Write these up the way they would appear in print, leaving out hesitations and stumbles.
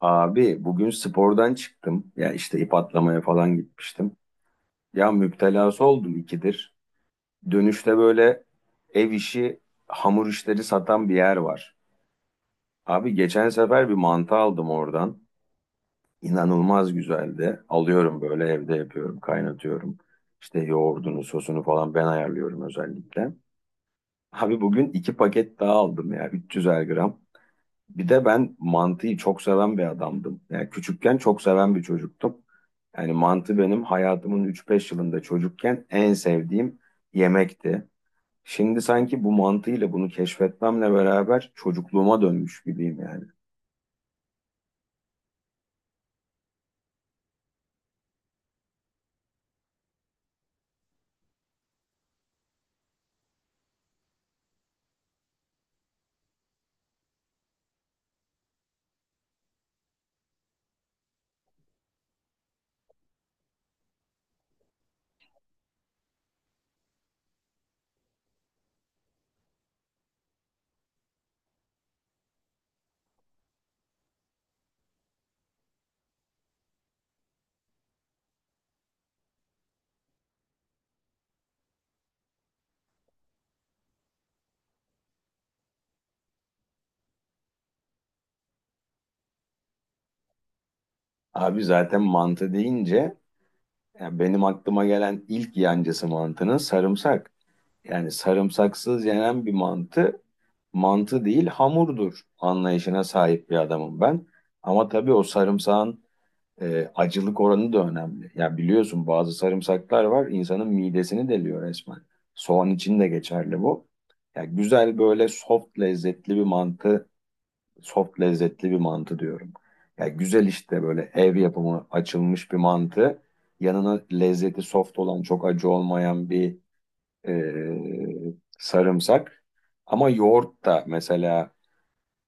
Abi bugün spordan çıktım. Ya işte ip atlamaya falan gitmiştim. Ya müptelası oldum ikidir. Dönüşte böyle ev işi, hamur işleri satan bir yer var. Abi geçen sefer bir mantı aldım oradan. İnanılmaz güzeldi. Alıyorum böyle evde yapıyorum, kaynatıyorum. İşte yoğurdunu, sosunu falan ben ayarlıyorum özellikle. Abi bugün iki paket daha aldım ya 300'er gram. Bir de ben mantıyı çok seven bir adamdım. Yani küçükken çok seven bir çocuktum. Yani mantı benim hayatımın üç beş yılında çocukken en sevdiğim yemekti. Şimdi sanki bu mantıyla bunu keşfetmemle beraber çocukluğuma dönmüş gibiyim yani. Abi zaten mantı deyince yani benim aklıma gelen ilk yancısı mantının sarımsak. Yani sarımsaksız yenen bir mantı mantı değil hamurdur anlayışına sahip bir adamım ben. Ama tabii o sarımsağın acılık oranı da önemli. Ya biliyorsun bazı sarımsaklar var insanın midesini deliyor resmen. Soğan için de geçerli bu. Ya güzel böyle soft lezzetli bir mantı, soft lezzetli bir mantı diyorum. Ya güzel işte böyle ev yapımı açılmış bir mantı. Yanına lezzeti soft olan çok acı olmayan bir sarımsak. Ama yoğurt da mesela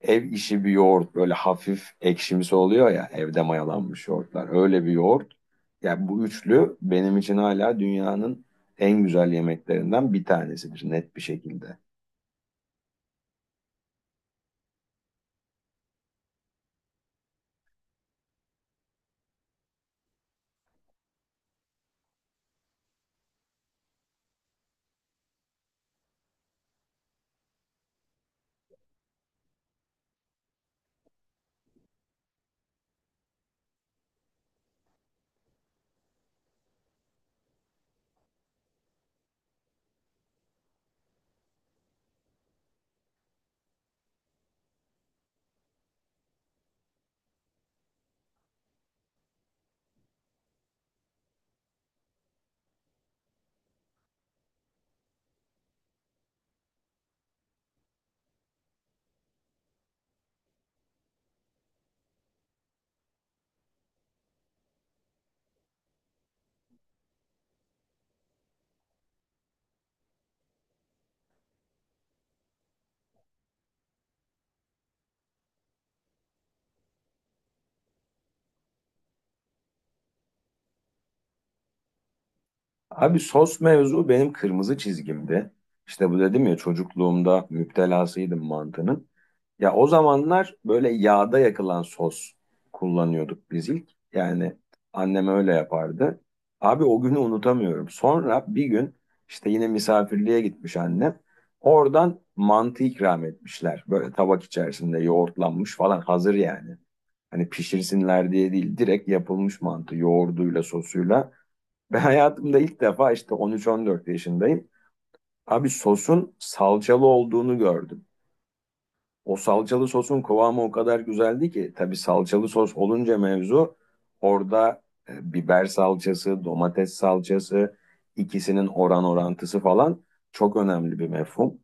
ev işi bir yoğurt böyle hafif ekşimsi oluyor ya evde mayalanmış yoğurtlar. Öyle bir yoğurt. Ya bu üçlü benim için hala dünyanın en güzel yemeklerinden bir tanesidir net bir şekilde. Abi sos mevzu benim kırmızı çizgimdi. İşte bu dedim ya çocukluğumda müptelasıydım mantının. Ya o zamanlar böyle yağda yakılan sos kullanıyorduk biz ilk. Yani annem öyle yapardı. Abi o günü unutamıyorum. Sonra bir gün işte yine misafirliğe gitmiş annem. Oradan mantı ikram etmişler. Böyle tabak içerisinde yoğurtlanmış falan hazır yani. Hani pişirsinler diye değil direkt yapılmış mantı yoğurduyla sosuyla. Ben hayatımda ilk defa işte 13-14 yaşındayım. Abi sosun salçalı olduğunu gördüm. O salçalı sosun kıvamı o kadar güzeldi ki tabii salçalı sos olunca mevzu orada biber salçası, domates salçası ikisinin oran orantısı falan çok önemli bir mefhum.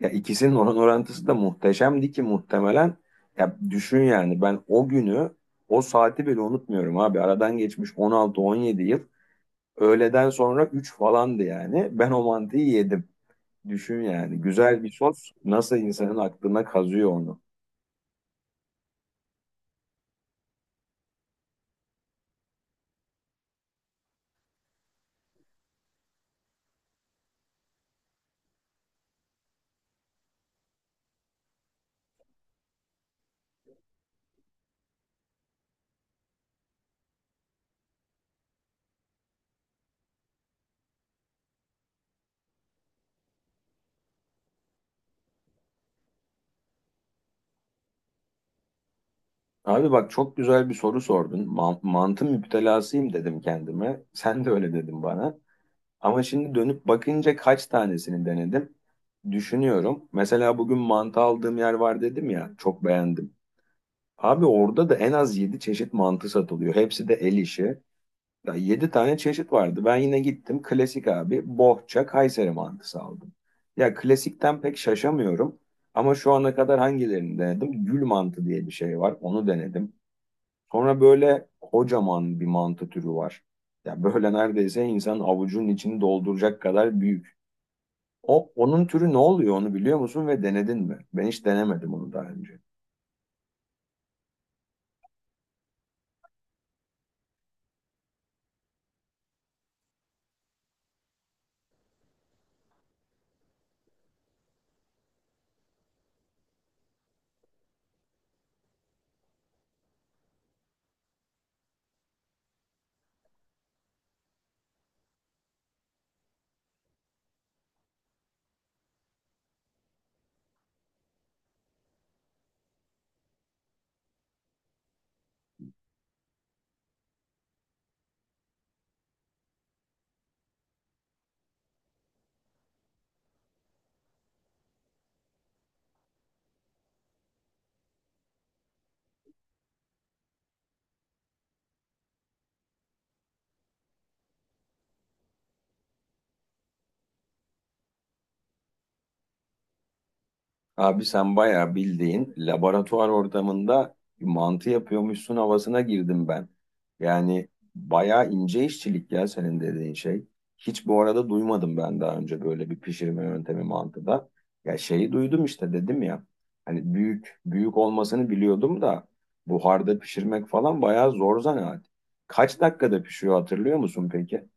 Ya ikisinin oran orantısı da muhteşemdi ki muhtemelen ya düşün yani ben o günü o saati bile unutmuyorum abi. Aradan geçmiş 16-17 yıl. Öğleden sonra 3 falandı yani. Ben o mantıyı yedim. Düşün yani. Güzel bir sos nasıl insanın aklına kazıyor onu. Abi bak çok güzel bir soru sordun. Mantı müptelasıyım dedim kendime. Sen de öyle dedin bana. Ama şimdi dönüp bakınca kaç tanesini denedim? Düşünüyorum. Mesela bugün mantı aldığım yer var dedim ya. Çok beğendim. Abi orada da en az 7 çeşit mantı satılıyor. Hepsi de el işi. Ya 7 tane çeşit vardı. Ben yine gittim klasik abi bohça Kayseri mantısı aldım. Ya klasikten pek şaşamıyorum. Ama şu ana kadar hangilerini denedim? Gül mantı diye bir şey var. Onu denedim. Sonra böyle kocaman bir mantı türü var. Ya böyle neredeyse insan avucunun içini dolduracak kadar büyük. O onun türü ne oluyor onu biliyor musun ve denedin mi? Ben hiç denemedim onu daha önce. Abi sen bayağı bildiğin laboratuvar ortamında mantı yapıyormuşsun havasına girdim ben. Yani bayağı ince işçilik ya senin dediğin şey. Hiç bu arada duymadım ben daha önce böyle bir pişirme yöntemi mantıda. Ya şeyi duydum işte dedim ya. Hani büyük büyük olmasını biliyordum da buharda pişirmek falan bayağı zor zanaat. Kaç dakikada pişiyor hatırlıyor musun peki?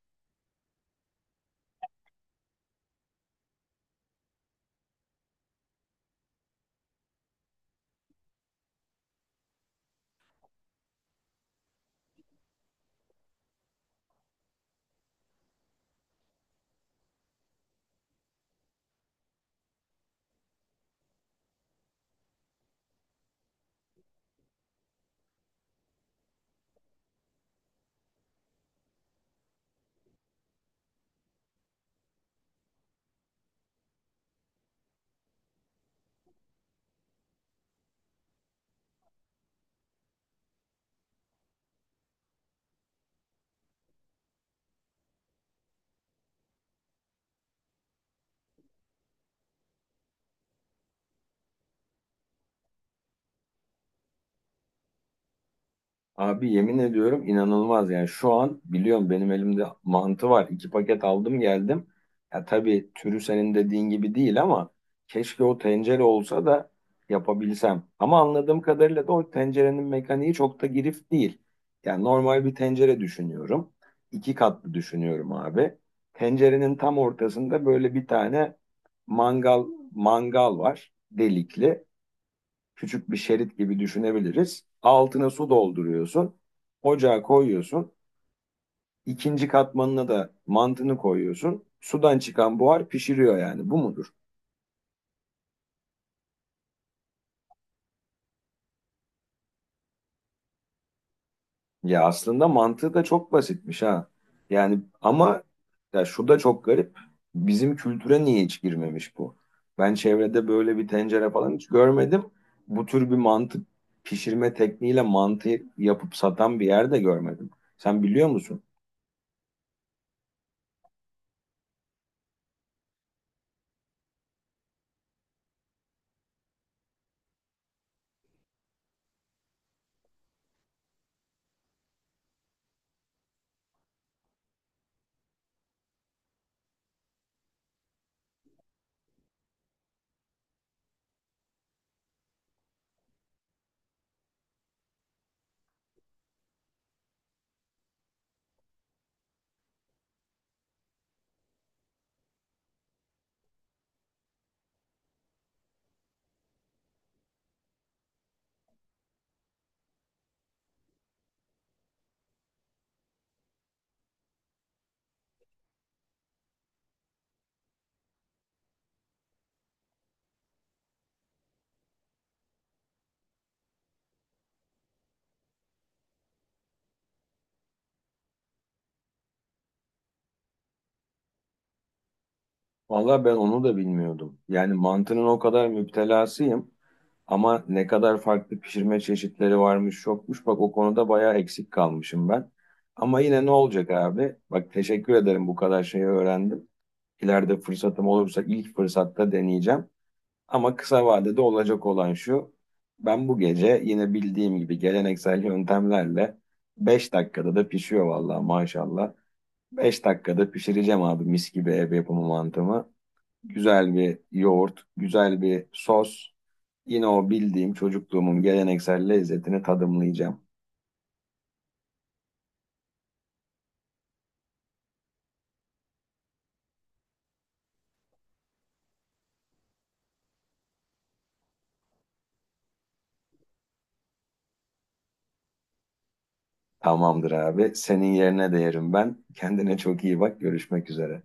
Abi yemin ediyorum inanılmaz yani şu an biliyorum benim elimde mantı var. İki paket aldım geldim. Ya tabii türü senin dediğin gibi değil ama keşke o tencere olsa da yapabilsem. Ama anladığım kadarıyla da o tencerenin mekaniği çok da girift değil. Yani normal bir tencere düşünüyorum. İki katlı düşünüyorum abi. Tencerenin tam ortasında böyle bir tane mangal mangal var delikli küçük bir şerit gibi düşünebiliriz. Altına su dolduruyorsun. Ocağa koyuyorsun. İkinci katmanına da mantını koyuyorsun. Sudan çıkan buhar pişiriyor yani. Bu mudur? Ya aslında mantığı da çok basitmiş ha. Yani ama ya şu da çok garip. Bizim kültüre niye hiç girmemiş bu? Ben çevrede böyle bir tencere falan hiç görmedim. Bu tür bir mantı pişirme tekniğiyle mantı yapıp satan bir yer de görmedim. Sen biliyor musun? Vallahi ben onu da bilmiyordum. Yani mantının o kadar müptelasıyım ama ne kadar farklı pişirme çeşitleri varmış yokmuş. Bak o konuda bayağı eksik kalmışım ben. Ama yine ne olacak abi? Bak teşekkür ederim bu kadar şeyi öğrendim. İleride fırsatım olursa ilk fırsatta deneyeceğim. Ama kısa vadede olacak olan şu. Ben bu gece yine bildiğim gibi geleneksel yöntemlerle 5 dakikada da pişiyor vallahi maşallah. 5 dakikada pişireceğim abi mis gibi ev yapımı mantımı. Güzel bir yoğurt, güzel bir sos. Yine o bildiğim çocukluğumun geleneksel lezzetini tadımlayacağım. Tamamdır abi. Senin yerine de yerim ben. Kendine çok iyi bak. Görüşmek üzere.